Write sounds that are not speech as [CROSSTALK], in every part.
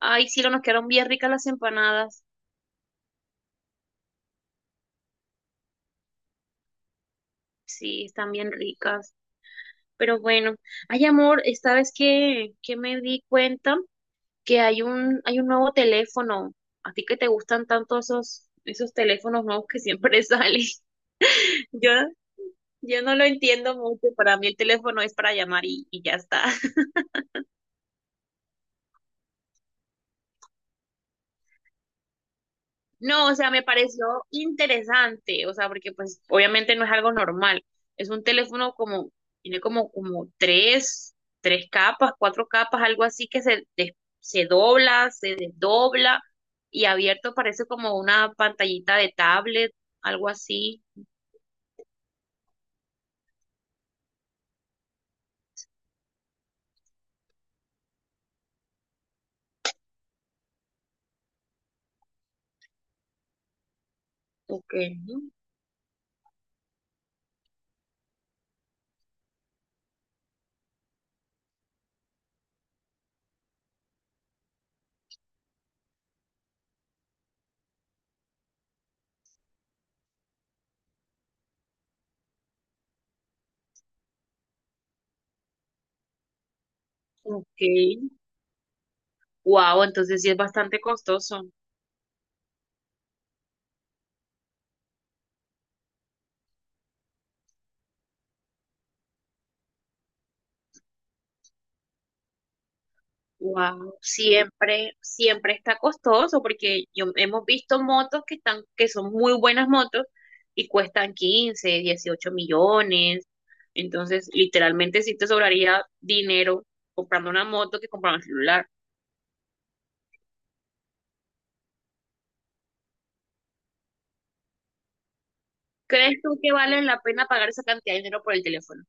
Ay, sí, nos quedaron bien ricas las empanadas. Sí, están bien ricas. Pero bueno, ay, amor, esta vez que me di cuenta que hay un nuevo teléfono. A ti que te gustan tanto esos teléfonos nuevos que siempre [LAUGHS] salen. Yo, yo no lo entiendo mucho. Para mí el teléfono es para llamar y ya está. No, o sea, me pareció interesante, o sea, porque pues obviamente no es algo normal. Es un teléfono como, tiene como tres capas, cuatro capas, algo así que se dobla, se desdobla y abierto parece como una pantallita de tablet, algo así. Ok, ok. Wow, entonces sí es bastante costoso. Wow, siempre está costoso porque yo hemos visto motos que están, que son muy buenas motos y cuestan 15, 18 millones. Entonces, literalmente sí te sobraría dinero comprando una moto que comprar un celular. ¿Crees tú que vale la pena pagar esa cantidad de dinero por el teléfono?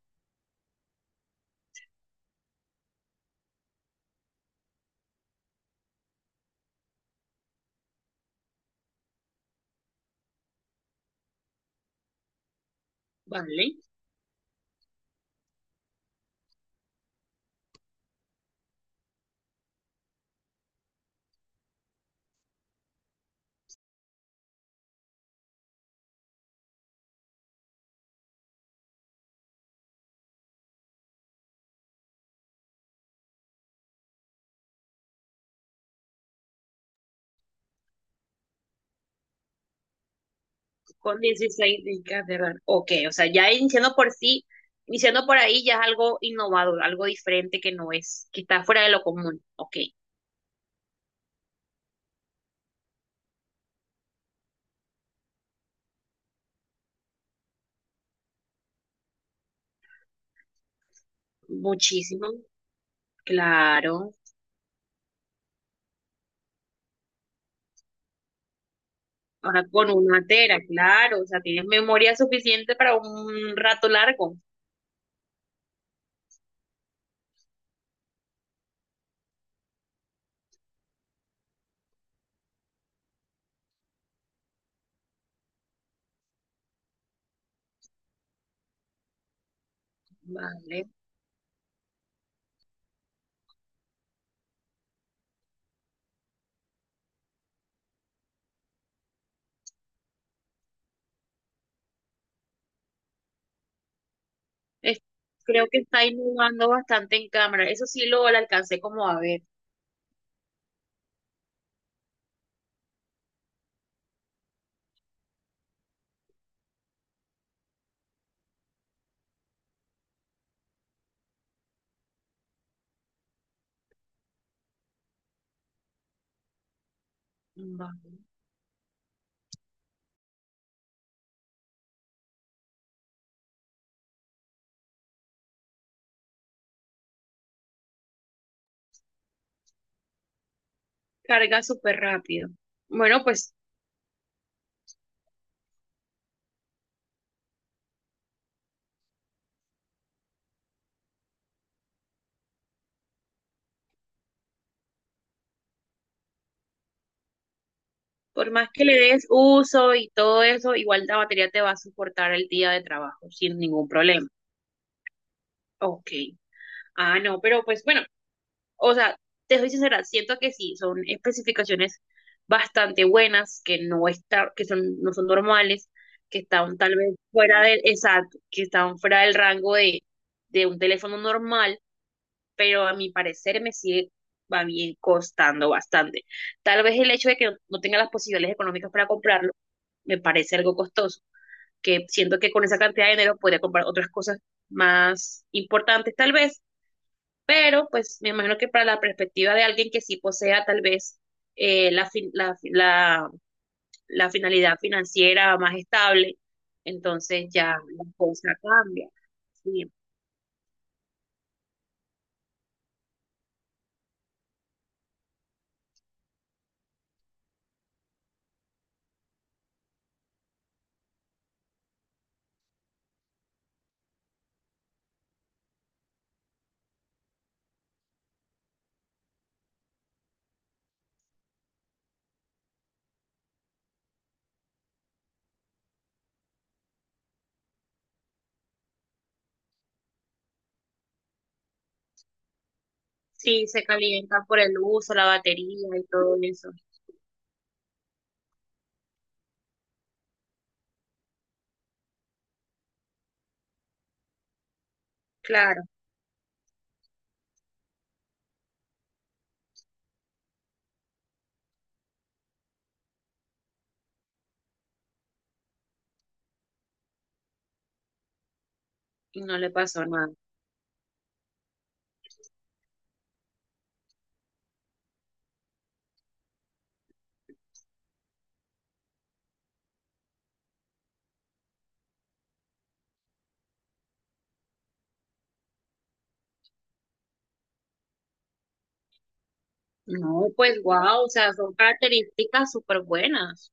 Vale, con 16 gigas de RAM. Ok, o sea, ya iniciando por sí, iniciando por ahí ya es algo innovador, algo diferente que no es, que está fuera de lo común. Ok. Muchísimo. Claro, ahora con una tera, claro, o sea, tienes memoria suficiente para un rato largo, ¿vale? Es- Creo que está innovando bastante en cámara, eso sí lo alcancé como a ver, ¿vale? Carga súper rápido. Bueno, pues por más que le des uso y todo eso, igual la batería te va a soportar el día de trabajo sin ningún problema. Ok. Ah, no, pero pues bueno. O sea, te soy sincera, siento que sí, son especificaciones bastante buenas, que no está, que son, no son normales, que están tal vez fuera del, exacto, que están fuera del rango de, un teléfono normal, pero a mi parecer me sigue va bien costando bastante. Tal vez el hecho de que no, no tenga las posibilidades económicas para comprarlo me parece algo costoso, que siento que con esa cantidad de dinero podría comprar otras cosas más importantes tal vez, pero pues me imagino que para la perspectiva de alguien que sí posea tal vez eh, la, fin- la, la, la finalidad financiera más estable, entonces ya la cosa cambia. Sí, sí, se calientan por el uso, la batería y todo eso. Claro, y no le pasó nada. No, pues wow, o sea, son características súper buenas.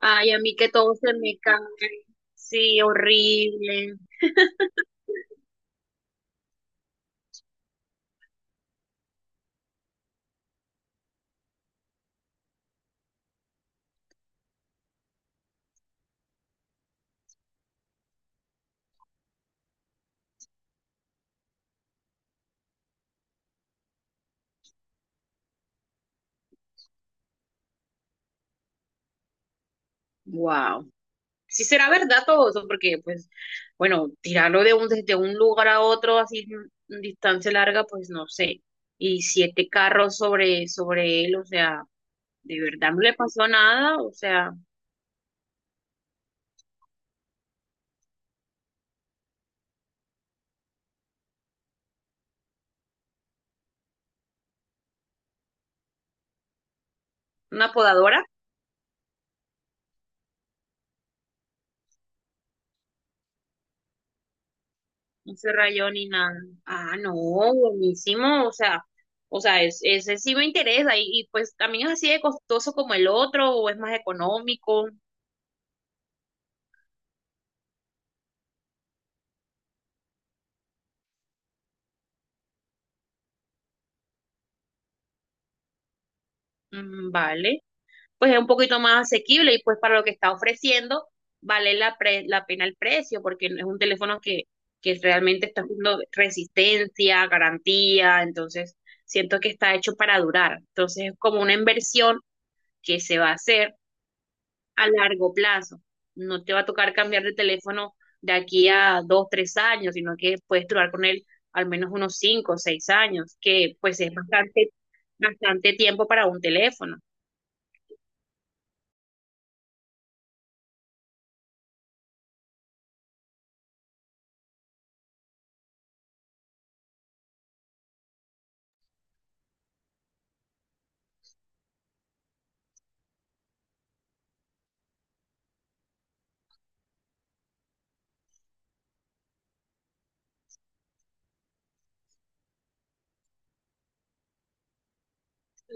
Ay, a mí que todo se me cae. Sí, horrible. Wow. Si será verdad todo eso, porque pues, bueno, tirarlo de un, desde un lugar a otro así en distancia larga, pues no sé. Y siete carros sobre él, o sea, de verdad no le pasó nada, o sea, una podadora, no se rayó ni nada. Ah, no, buenísimo, o sea, ese sí me interesa, y pues también es así de costoso como el otro, o es más económico. Mm, vale. Pues es un poquito más asequible y pues para lo que está ofreciendo vale la pena el precio porque es un teléfono que realmente está haciendo resistencia, garantía, entonces siento que está hecho para durar. Entonces es como una inversión que se va a hacer a largo plazo. No te va a tocar cambiar de teléfono de aquí a 2, 3 años, sino que puedes durar con él al menos unos 5 o 6 años, que pues es bastante, bastante tiempo para un teléfono.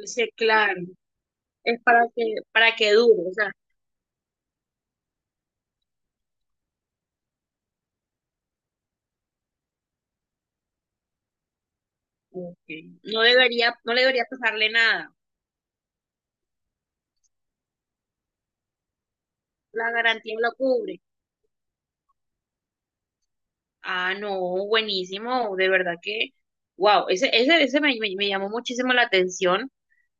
Sí, claro. Es para que dure, o sea, como que no debería, no le debería pasarle nada. La garantía lo cubre. Ah, no, buenísimo, de verdad que, wow, ese me llamó muchísimo la atención.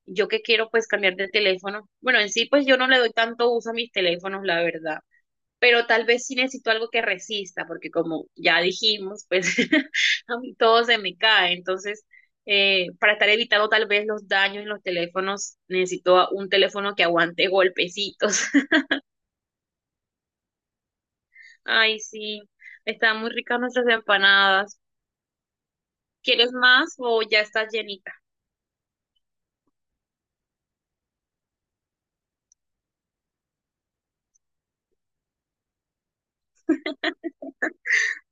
Yo que quiero pues cambiar de teléfono. Bueno, en sí pues yo no le doy tanto uso a mis teléfonos, la verdad. Pero tal vez sí necesito algo que resista, porque como ya dijimos, pues [LAUGHS] a mí todo se me cae. Entonces, para estar evitando tal vez los daños en los teléfonos, necesito un teléfono que aguante golpecitos. [LAUGHS] Ay, sí, están muy ricas nuestras empanadas. ¿Quieres más o ya estás llenita?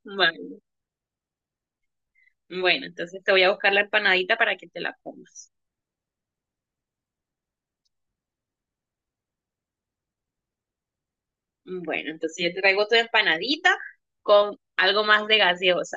Vale. Bueno, entonces te voy a buscar la empanadita para que te la comas. Bueno, entonces yo te traigo tu empanadita con algo más de gaseosa.